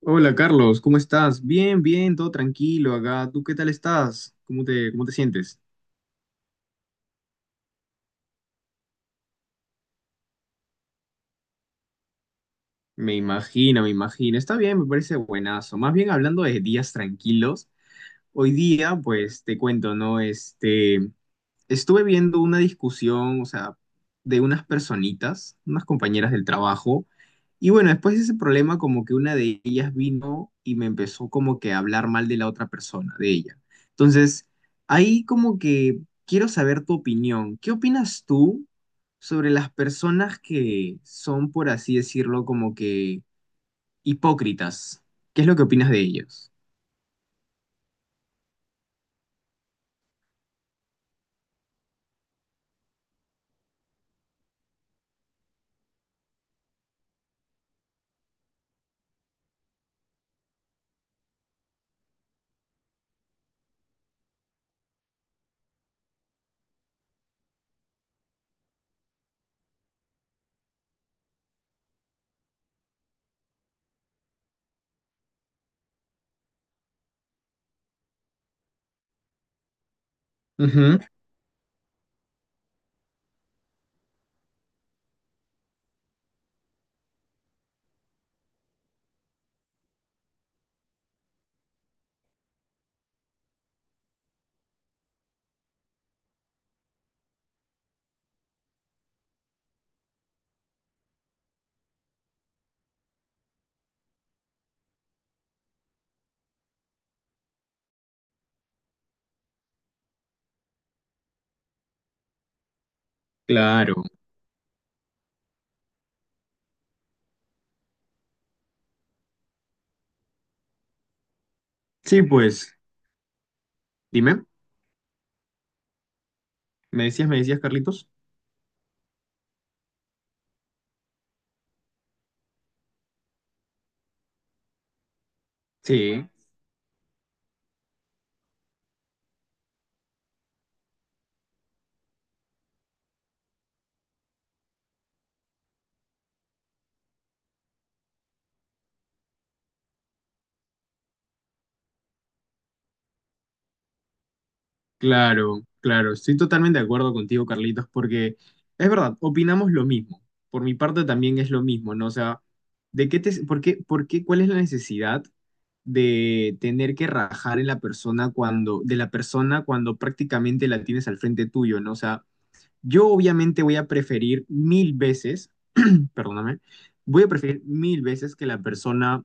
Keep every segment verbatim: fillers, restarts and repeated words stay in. Hola Carlos, ¿cómo estás? Bien, bien, todo tranquilo acá. ¿Tú qué tal estás? ¿Cómo te, cómo te sientes? Me imagino, me imagino. Está bien, me parece buenazo. Más bien hablando de días tranquilos, hoy día, pues te cuento, ¿no? Este, Estuve viendo una discusión, o sea, de unas personitas, unas compañeras del trabajo, y bueno, después de ese problema, como que una de ellas vino y me empezó como que a hablar mal de la otra persona, de ella. Entonces, ahí como que quiero saber tu opinión. ¿Qué opinas tú sobre las personas que son, por así decirlo, como que hipócritas? ¿Qué es lo que opinas de ellos? Ujú, claro. Sí, pues, dime, ¿me decías, me decías, Carlitos? Sí. Claro, claro, estoy totalmente de acuerdo contigo, Carlitos, porque es verdad, opinamos lo mismo. Por mi parte también es lo mismo, ¿no? O sea, ¿de qué te, por qué, por qué, cuál es la necesidad de tener que rajar en la persona cuando, de la persona cuando prácticamente la tienes al frente tuyo, ¿no? O sea, yo obviamente voy a preferir mil veces, perdóname, voy a preferir mil veces que la persona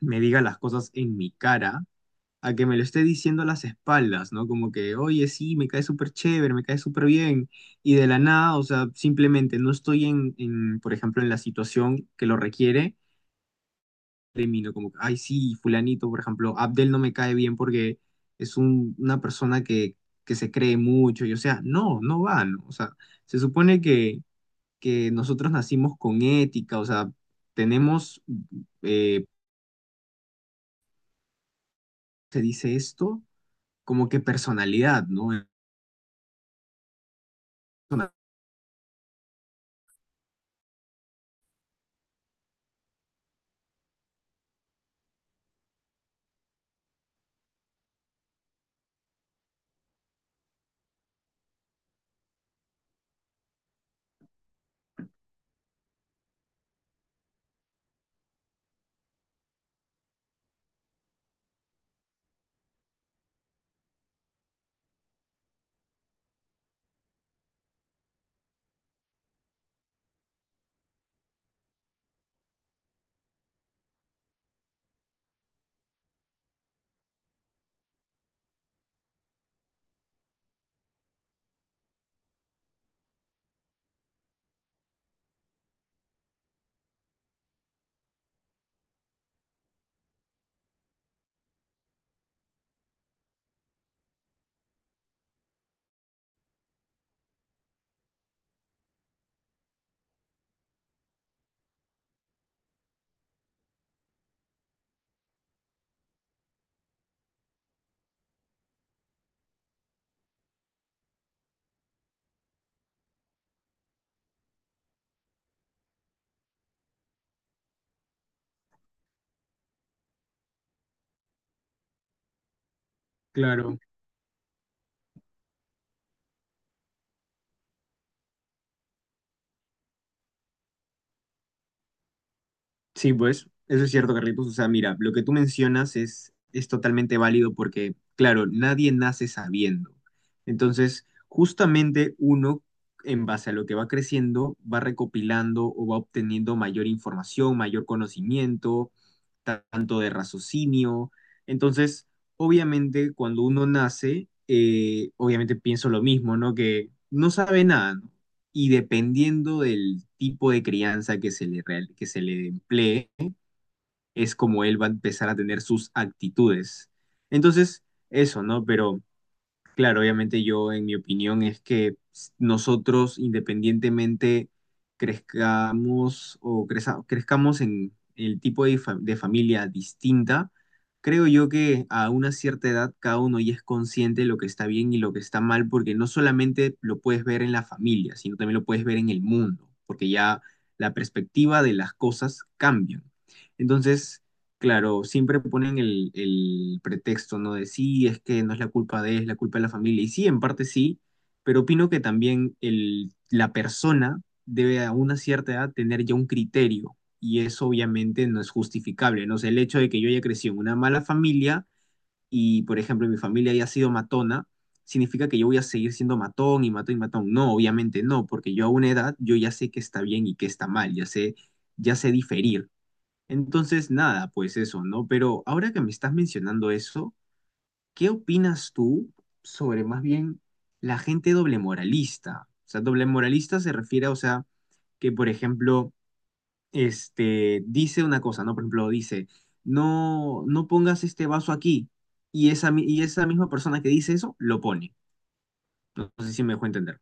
me diga las cosas en mi cara a que me lo esté diciendo a las espaldas, ¿no? Como que, oye, sí, me cae súper chévere, me cae súper bien, y de la nada, o sea, simplemente no estoy en, en, por ejemplo, en la situación que lo requiere, termino como, ay, sí, fulanito, por ejemplo, Abdel no me cae bien porque es un- una persona que, que se cree mucho, y o sea, no, no va, ¿no? O sea, se supone que, que nosotros nacimos con ética, o sea, tenemos, eh, se dice esto, como que personalidad, ¿no? Claro. Sí, pues, eso es cierto, Carlitos. O sea, mira, lo que tú mencionas es, es totalmente válido porque, claro, nadie nace sabiendo. Entonces, justamente uno, en base a lo que va creciendo, va recopilando o va obteniendo mayor información, mayor conocimiento, ta- tanto de raciocinio. Entonces, obviamente, cuando uno nace, eh, obviamente pienso lo mismo, ¿no? Que no sabe nada, ¿no? Y dependiendo del tipo de crianza que se le, real- que se le emplee, es como él va a empezar a tener sus actitudes. Entonces, eso, ¿no? Pero claro, obviamente yo, en mi opinión, es que s- nosotros independientemente crezcamos o creza- crezcamos en el tipo de, fa- de familia distinta, creo yo que a una cierta edad cada uno ya es consciente de lo que está bien y lo que está mal, porque no solamente lo puedes ver en la familia, sino también lo puedes ver en el mundo, porque ya la perspectiva de las cosas cambian. Entonces... Claro, siempre ponen el, el pretexto, ¿no? De sí, es que no es la culpa de él, es la culpa de la familia. Y sí, en parte sí, pero opino que también el, la persona debe a una cierta edad tener ya un criterio. Y eso obviamente no es justificable, ¿no? O sea, el hecho de que yo haya crecido en una mala familia y, por ejemplo, mi familia haya sido matona, significa que yo voy a seguir siendo matón y matón y matón. No, obviamente no, porque yo a una edad yo ya sé qué está bien y qué está mal, ya sé, ya sé diferir. Entonces, nada, pues eso, ¿no? Pero ahora que me estás mencionando eso, ¿qué opinas tú sobre más bien la gente doble moralista? O sea, doble moralista se refiere, a, o sea, que por ejemplo, este, dice una cosa, ¿no? Por ejemplo, dice, no, no pongas este vaso aquí, y esa, mi- y esa misma persona que dice eso, lo pone. No, no sé si me dejó entender.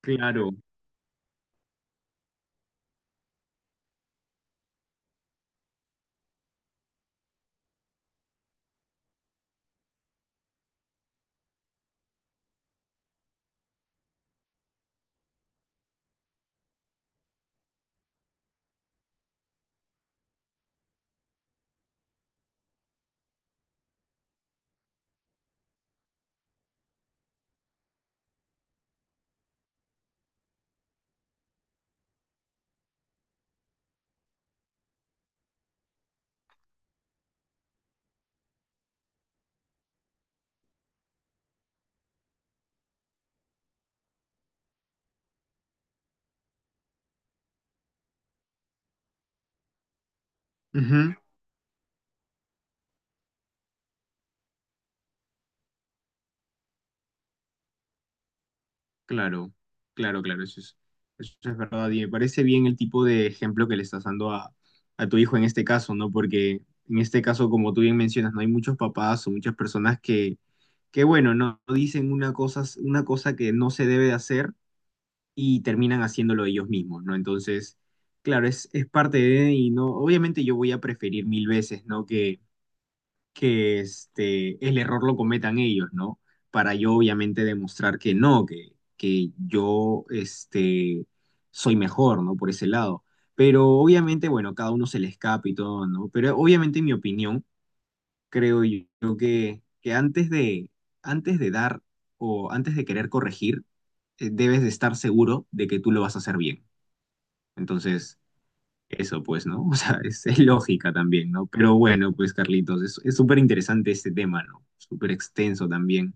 Claro. Ujú. Claro, claro, claro, eso es, eso es verdad. Y me parece bien el tipo de ejemplo que le estás dando a, a tu hijo en este caso, ¿no? Porque en este caso, como tú bien mencionas, no hay muchos papás o muchas personas que, que bueno, no no dicen una cosa, una cosa que no se debe de hacer y terminan haciéndolo ellos mismos, ¿no? Entonces, claro, es, es parte de, y no, obviamente yo voy a preferir mil veces, ¿no? Que, que este, el error lo cometan ellos, ¿no? Para yo obviamente demostrar que no, que, que yo este, soy mejor, ¿no? Por ese lado. Pero obviamente, bueno, cada uno se le escapa y todo, ¿no? Pero obviamente en mi opinión, creo yo que, que antes de, antes de dar o antes de querer corregir, eh, debes de estar seguro de que tú lo vas a hacer bien. Entonces, eso pues, ¿no? O sea, es, es lógica también, ¿no? Pero bueno, pues Carlitos, es es súper interesante este tema, ¿no? Súper extenso también.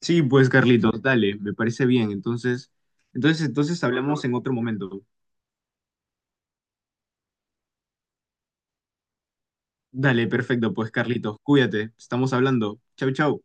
Sí, pues Carlitos, dale, me parece bien. Entonces, entonces, entonces hablamos en otro momento. Dale, perfecto, pues Carlitos, cuídate, estamos hablando. Chau, chau.